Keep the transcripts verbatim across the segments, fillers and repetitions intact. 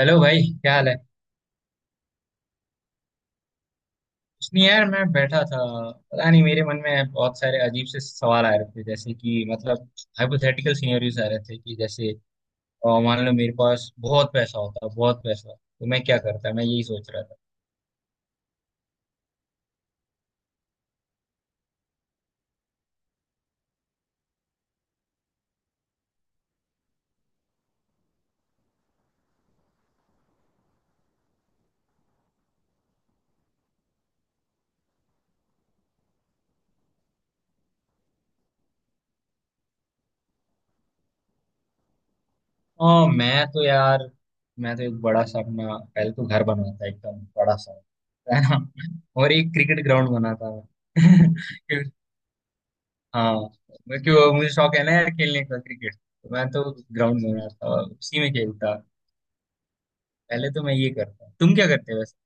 Hello भाई क्या हाल है। कुछ नहीं यार मैं बैठा था। पता नहीं मेरे मन में बहुत सारे अजीब से सवाल आ रहे थे जैसे कि मतलब हाइपोथेटिकल सिनेरियोज आ रहे थे कि जैसे अ, मान लो मेरे पास बहुत पैसा होता बहुत पैसा तो मैं क्या करता मैं यही सोच रहा था। ओ, मैं तो यार मैं तो एक बड़ा सा अपना पहले तो घर बनाता एकदम बड़ा सा। है ना। और एक क्रिकेट ग्राउंड बनाता मैं क्यों- हाँ, क्यों मुझे शौक है ना यार खेलने का क्रिकेट। तो मैं तो ग्राउंड बनाता उसी में खेलता। पहले तो मैं ये करता हूँ तुम क्या करते हो वैसे।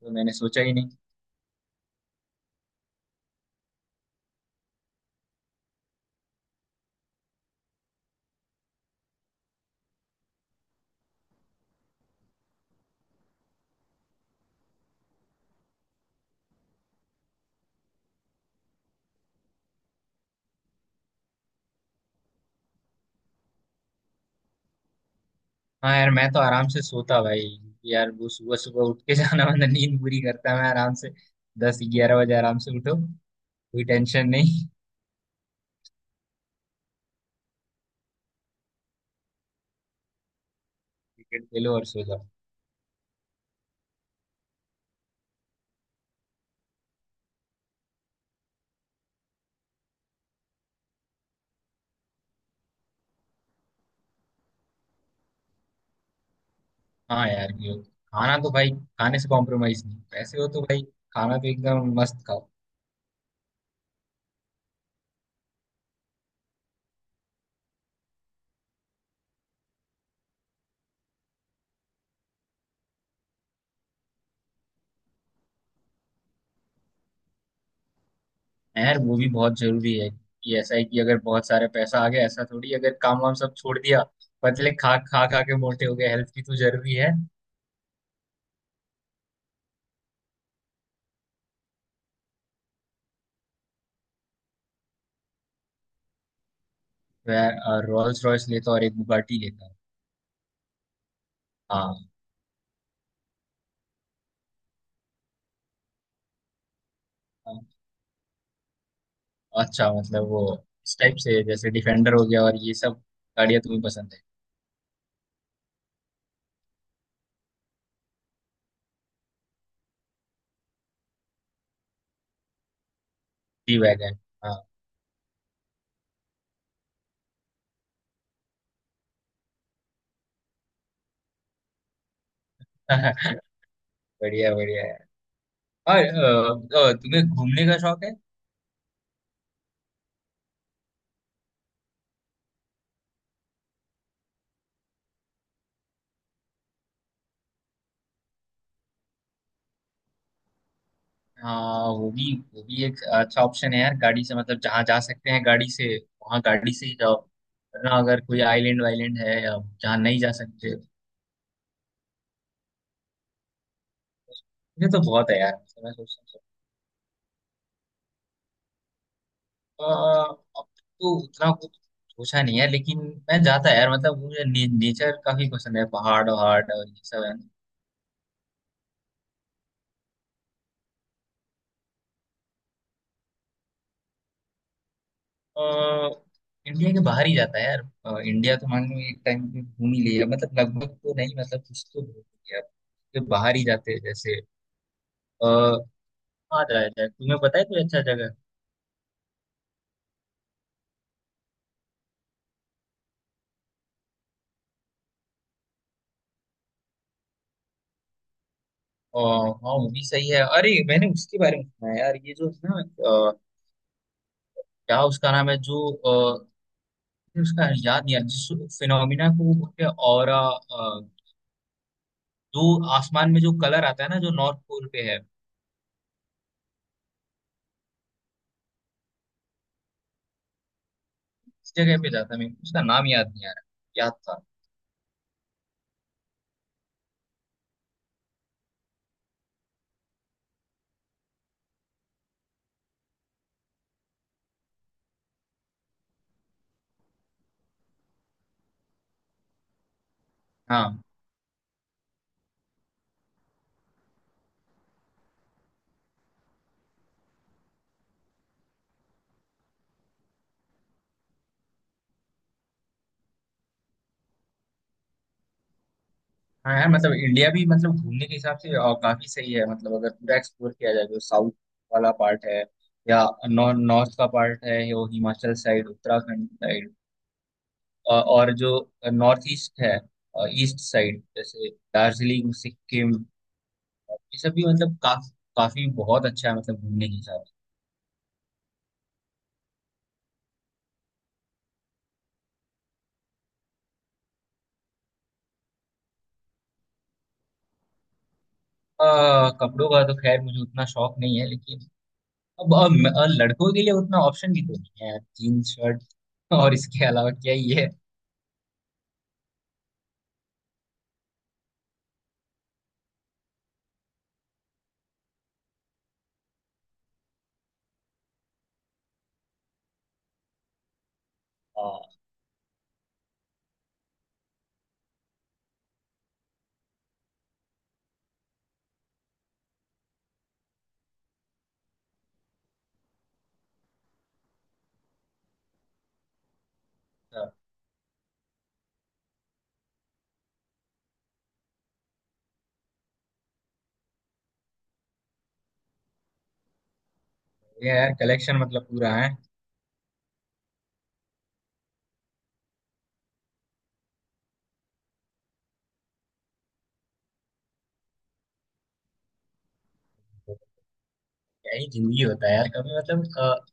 तो मैंने सोचा ही नहीं। हाँ यार मैं तो आराम से सोता भाई। यार वो सुबह सुबह उठ के जाना वाना नींद पूरी करता मैं आराम से। दस ग्यारह बजे आराम से उठो। कोई टेंशन नहीं। क्रिकेट खेलो और सो जाओ। हाँ यार ये खाना तो भाई खाने से कॉम्प्रोमाइज नहीं पैसे हो तो भाई। खाना तो एकदम मस्त खाओ। हाँ यार वो भी बहुत जरूरी है। कि ऐसा है कि अगर बहुत सारे पैसा आ गया ऐसा थोड़ी अगर काम वाम सब छोड़ दिया पतले खा खा खा के मोटे हो गए हेल्थ भी तो जरूरी है। मैं रोल्स रॉयस लेता और एक बुगाटी लेता। हाँ। हाँ, अच्छा मतलब वो इस टाइप से जैसे डिफेंडर हो गया और ये सब गाड़ियाँ तुम्हें पसंद है। टी वैगन। हाँ बढ़िया बढ़िया है। और अ, अ, तुम्हें घूमने का शौक है। हाँ वो भी वो भी एक अच्छा ऑप्शन है यार गाड़ी से मतलब जहाँ जा सकते हैं गाड़ी से वहाँ गाड़ी से ही जाओ। वरना अगर कोई आइलैंड वाइलैंड है या जहाँ नहीं जा सकते। मुझे तो बहुत है यार। मैं सोचता हूँ। अ, अब तो उतना कुछ सोचा नहीं है लेकिन मैं जाता है यार मतलब मुझे ने, नेचर काफी पसंद है पहाड़ वहाड़ और ये सब है ना। अ, इंडिया के बाहर ही जाता है यार अ, इंडिया तो मान लो एक टाइम पे घूम ही लिया मतलब लगभग तो नहीं मतलब कुछ तो घूम लिया तो बाहर ही जाते हैं जैसे। आ, आ जाए जाए तुम्हें पता है कोई अच्छा जगह। अ, हाँ वो भी सही है अरे मैंने उसके बारे में सुना है यार ये जो है ना अ, क्या उसका नाम है जो अ, उसका याद नहीं आ रहा, जिस फिनोमिना को वो बोलते हैं ऑरा जो आसमान में जो कलर आता है ना जो नॉर्थ पोल पे है। इस जगह पे जाता है मेरे को उसका नाम याद नहीं आ रहा। याद था। हाँ। हाँ यार मतलब इंडिया भी मतलब घूमने के हिसाब से अ, काफी सही है मतलब अगर पूरा एक्सप्लोर किया जाए जो साउथ वाला पार्ट है या नॉर्थ का पार्ट है यो हिमाचल साइड उत्तराखंड साइड। और जो नॉर्थ ईस्ट है ईस्ट साइड जैसे दार्जिलिंग सिक्किम। ये सब भी मतलब काफी काफी बहुत अच्छा है मतलब घूमने के हिसाब से। अ, कपड़ों का तो खैर मुझे उतना शौक नहीं है लेकिन अब अब म- और लड़कों के लिए उतना ऑप्शन भी तो नहीं है यार जीन्स शर्ट और इसके अलावा क्या ही है। हाँ तो ये यार कलेक्शन मतलब पूरा है। तो क्या ही जिंदगी होता है यार कभी मतलब अ,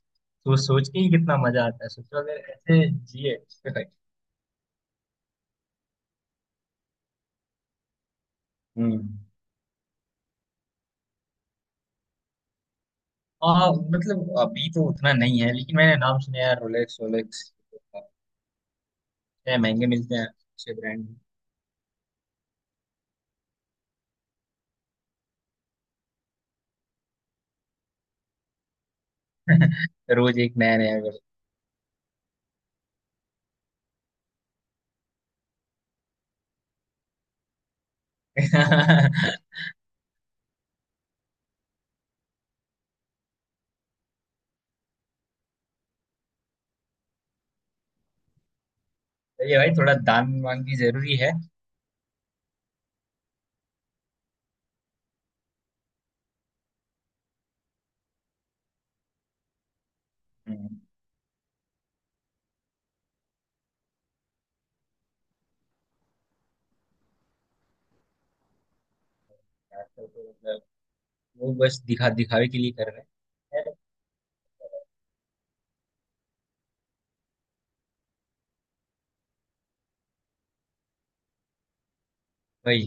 सोच सोच के ही कितना मजा आता है सोचो अगर ऐसे जिए। हम्म। हाँ मतलब अभी तो उतना नहीं है लेकिन मैंने नाम सुना है यार रोलेक्स रोलेक्स इतने महंगे मिलते हैं अच्छे ब्रांड। रोज एक नया नया करके। तो ये भाई थोड़ा दान मांग भी जरूरी है। हम्म, वो बस दिखा दिखावे के लिए कर रहे हैं यार। भाई।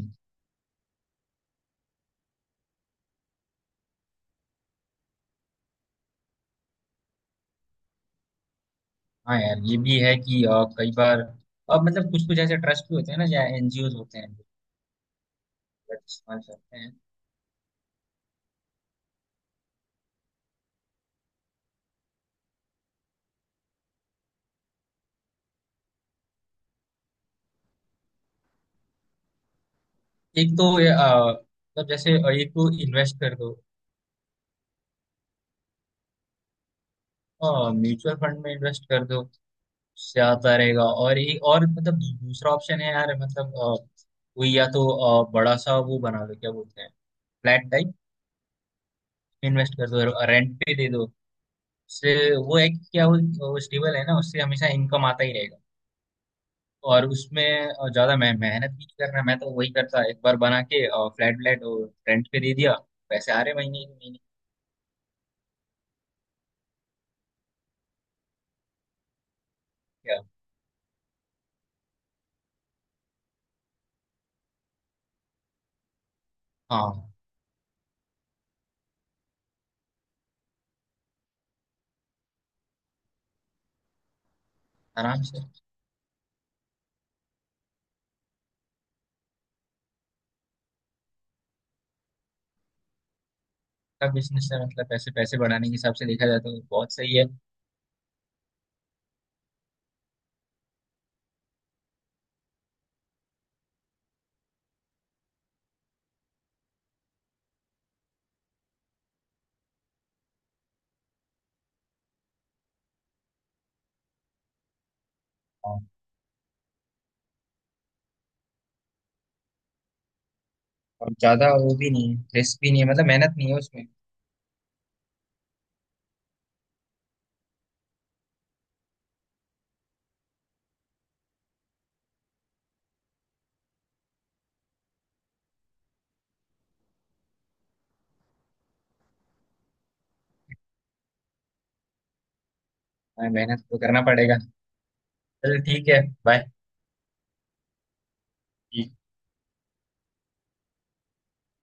हाँ यार ये भी है कि अ, कई बार अब मतलब कुछ कुछ ऐसे ट्रस्ट भी होते हैं ना या एन जी ओज़ होते हैं जो गलत इस्तेमाल करते हैं। एक तो ये, अ, मतलब जैसे अ, एक तो इन्वेस्ट कर दो म्यूचुअल फंड में इन्वेस्ट कर दो उससे आता रहेगा और एक और मतलब दू- दूसरा ऑप्शन है यार मतलब अ, कोई या तो अ, बड़ा सा वो बना लो क्या बोलते हैं फ्लैट टाइप इन्वेस्ट कर दो रेंट पे दे दो उससे वो है कि क्या वो, वो स्टेबल है ना उससे हमेशा इनकम आता ही रहेगा। और उसमें अ, ज्यादा मैं मेहनत भी नहीं करना मैं तो वही करता एक बार बना के अ, फ्लैट व्लैट और रेंट पे दे दिया पैसे आ रहे महीने के महीने। क्या। हाँ। आराम से। का बिजनेस है मतलब पैसे पैसे बढ़ाने के हिसाब से देखा जाए तो बहुत सही है। हाँ, और ज्यादा वो भी नहीं है रिस्क भी नहीं है मतलब मेहनत नहीं है उसमें। हाँ, मेहनत तो करना पड़ेगा। चल ठीक है। बाय।